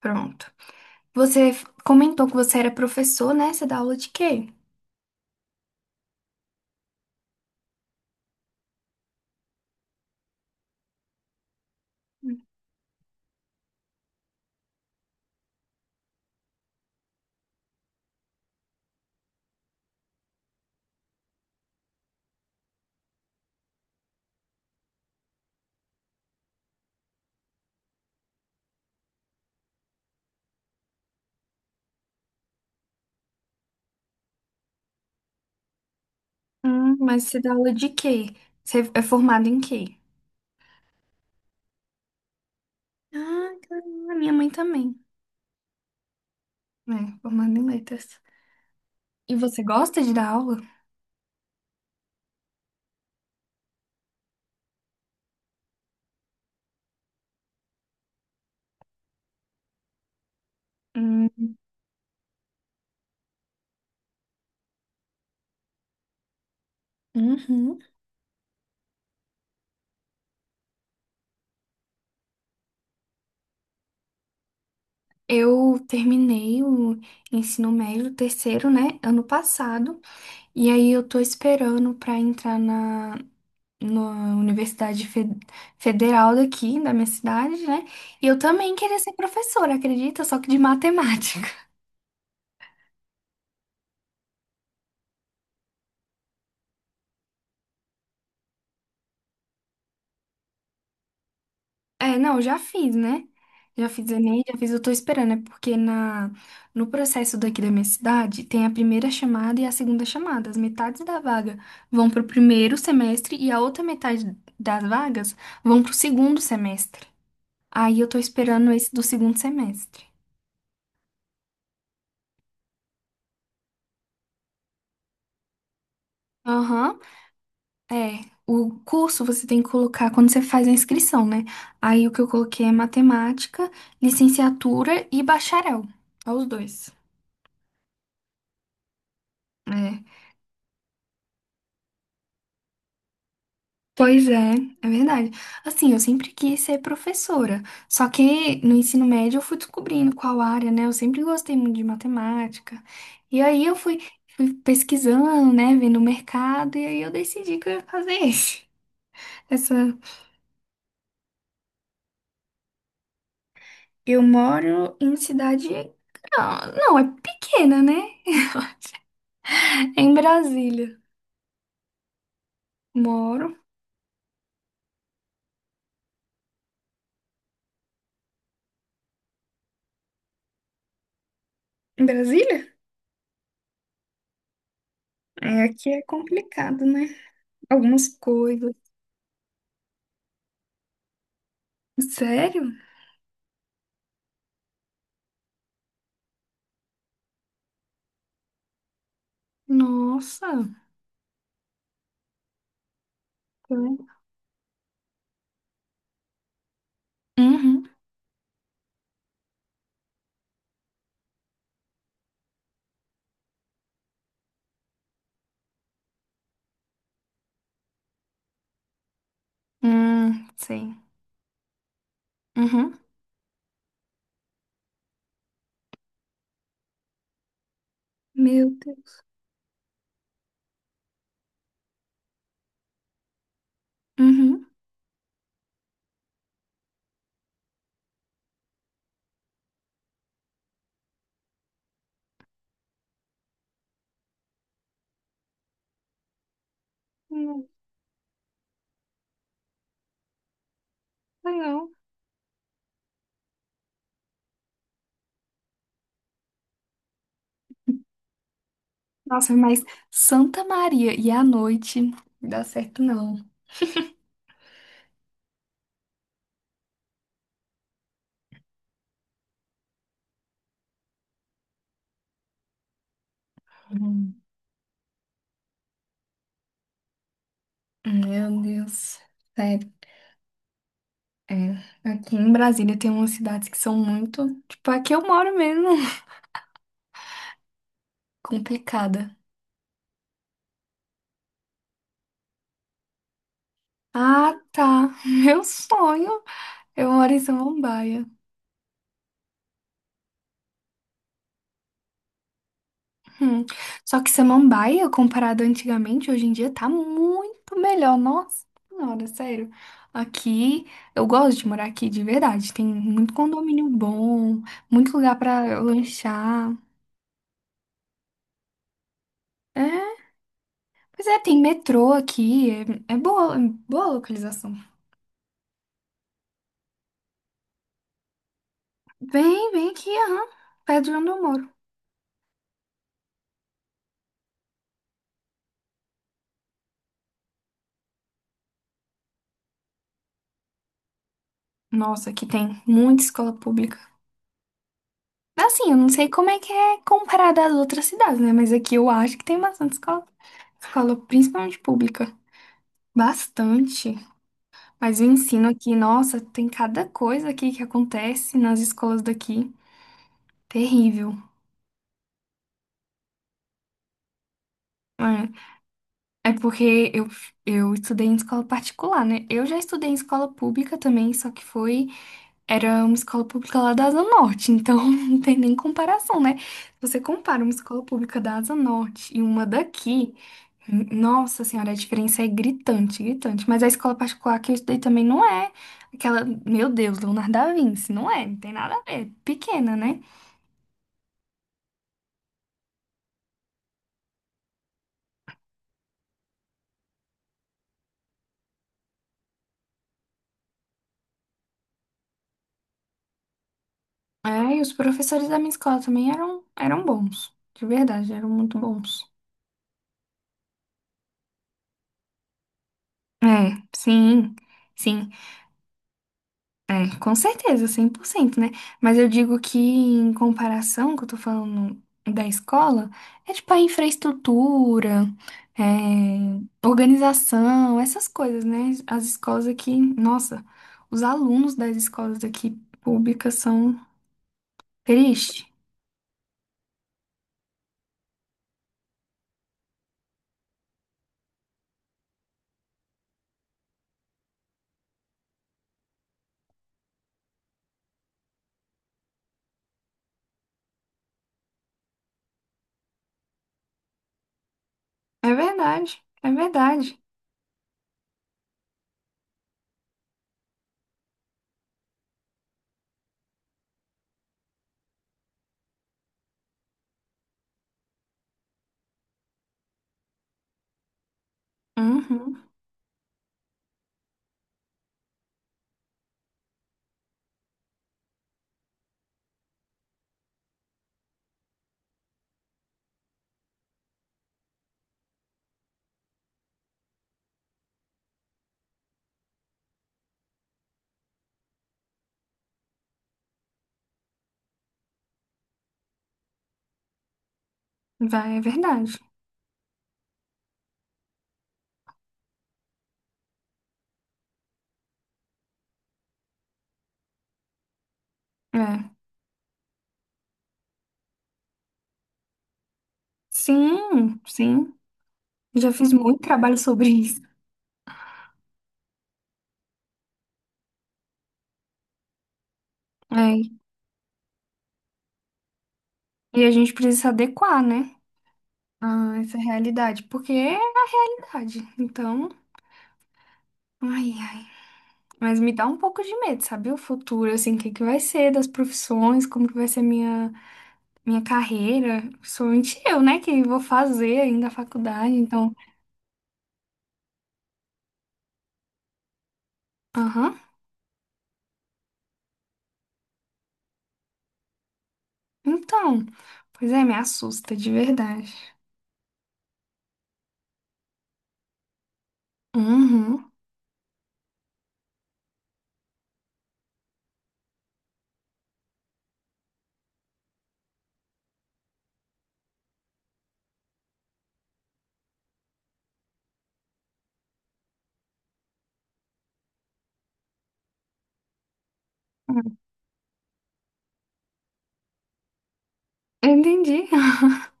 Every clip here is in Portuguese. Pronto. Comentou que você era professor, né? Você dá aula de quê? Hum. Mas você dá aula de quê? Você é formado em quê? Ah, caramba, minha mãe também. É, formada em letras. E você gosta de dar aula? Hum, uhum. Eu terminei o ensino médio o terceiro, né, ano passado, e aí eu tô esperando pra entrar na Universidade Federal daqui, da minha cidade, né? E eu também queria ser professora, acredita? Só que de matemática. É, não, já fiz, né? Já fiz Enem, já fiz, eu tô esperando, é porque no processo daqui da minha cidade tem a primeira chamada e a segunda chamada. As metades da vaga vão pro primeiro semestre e a outra metade das vagas vão pro segundo semestre. Aí eu tô esperando esse do segundo semestre. Aham, é. O curso você tem que colocar quando você faz a inscrição, né? Aí o que eu coloquei é matemática, licenciatura e bacharel. Ó, os dois. É. Pois é, é verdade. Assim, eu sempre quis ser professora, só que no ensino médio eu fui descobrindo qual área, né? Eu sempre gostei muito de matemática. E aí eu fui, fui pesquisando, né? Vendo o mercado, e aí eu decidi que eu ia fazer esse. Essa... Eu moro em cidade. Não, não, é pequena, né? É em Brasília. Moro. Em Brasília? É, aqui é complicado, né? Algumas coisas. Sério? Nossa. É. Uhum. Sim. Uhum. Meu Deus. Uhum. Hum. Legal. Nossa, mas Santa Maria e à noite não dá certo não. Hum. Meu Deus. Sério. É. Aqui em Brasília tem umas cidades que são muito. Tipo, aqui eu moro mesmo. Complicada. Ah, tá. Meu sonho. Eu moro em Samambaia. Hum. Só que samambaia, comparado antigamente, hoje em dia tá muito melhor. Nossa senhora, sério. Aqui, eu gosto de morar aqui de verdade. Tem muito condomínio bom, muito lugar pra lanchar. É, pois é, tem metrô aqui. É, é boa localização. Vem, vem aqui, aham. Perto de onde eu moro. Nossa, aqui tem muita escola pública. Assim, eu não sei como é que é comparado às outras cidades, né? Mas aqui eu acho que tem bastante escola. Escola, principalmente pública. Bastante. Mas o ensino aqui, nossa, tem cada coisa aqui que acontece nas escolas daqui. Terrível. É, é porque eu estudei em escola particular, né? Eu já estudei em escola pública também, só que foi. Era uma escola pública lá da Asa Norte, então não tem nem comparação, né? Se você compara uma escola pública da Asa Norte e uma daqui. Nossa senhora, a diferença é gritante, gritante. Mas a escola particular que eu estudei também não é aquela, meu Deus, Leonardo da Vinci, não é, não tem nada a ver, pequena, né? É, e os professores da minha escola também eram bons, de verdade, eram muito bons. É, sim, sim. Com certeza, 100% né? Mas eu digo que, em comparação, que eu tô falando da escola, é tipo a infraestrutura, é, organização, essas coisas, né? As escolas aqui, nossa, os alunos das escolas aqui públicas são triste. É verdade, é verdade. Uhum, vai, é verdade. É. Sim, sim. Já fiz muito trabalho sobre isso. É, e a gente precisa se adequar, né? Ah, essa é a realidade. Porque é a realidade. Então, ai, ai. Mas me dá um pouco de medo, sabe? O futuro, assim, o que que vai ser das profissões, como que vai ser minha, minha carreira. Principalmente eu, né? Que vou fazer ainda a faculdade. Então, aham. Então, pois é, me assusta, de verdade. Uhum. Eu entendi.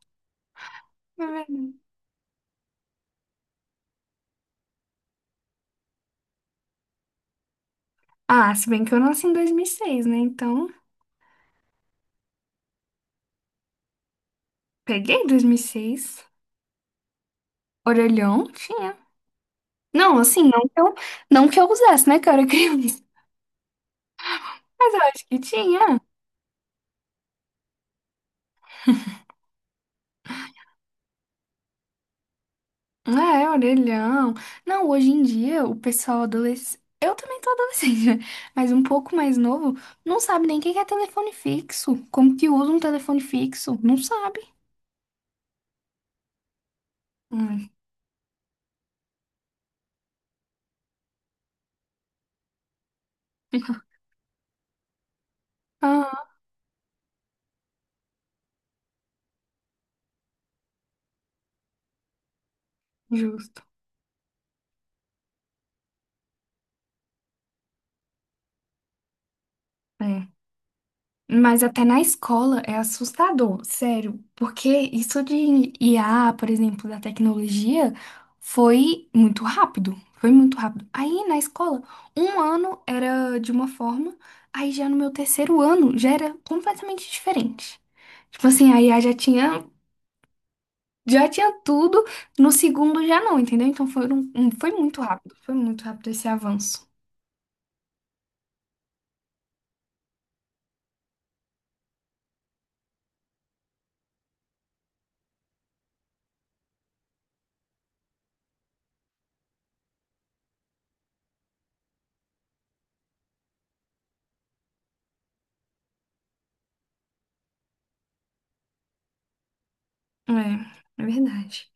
É verdade. Ah, se bem que eu nasci em 2006, né? Então, peguei 2006. Orelhão tinha. Não, assim, não que eu usasse, né, cara, criança. Mas eu acho que tinha. É, orelhão. Não, hoje em dia, o pessoal adolescente. Eu também tô adolescente, né? Mas um pouco mais novo, não sabe nem o que que é telefone fixo. Como que usa um telefone fixo? Não sabe. Hum. Ah, justo. É. Mas até na escola é assustador, sério, porque isso de IA, por exemplo, da tecnologia, foi muito rápido, foi muito rápido. Aí na escola, um ano era de uma forma, aí já no meu terceiro ano já era completamente diferente. Tipo assim, a IA já tinha tudo, no segundo já não, entendeu? Então foi, foi muito rápido esse avanço. É, é verdade.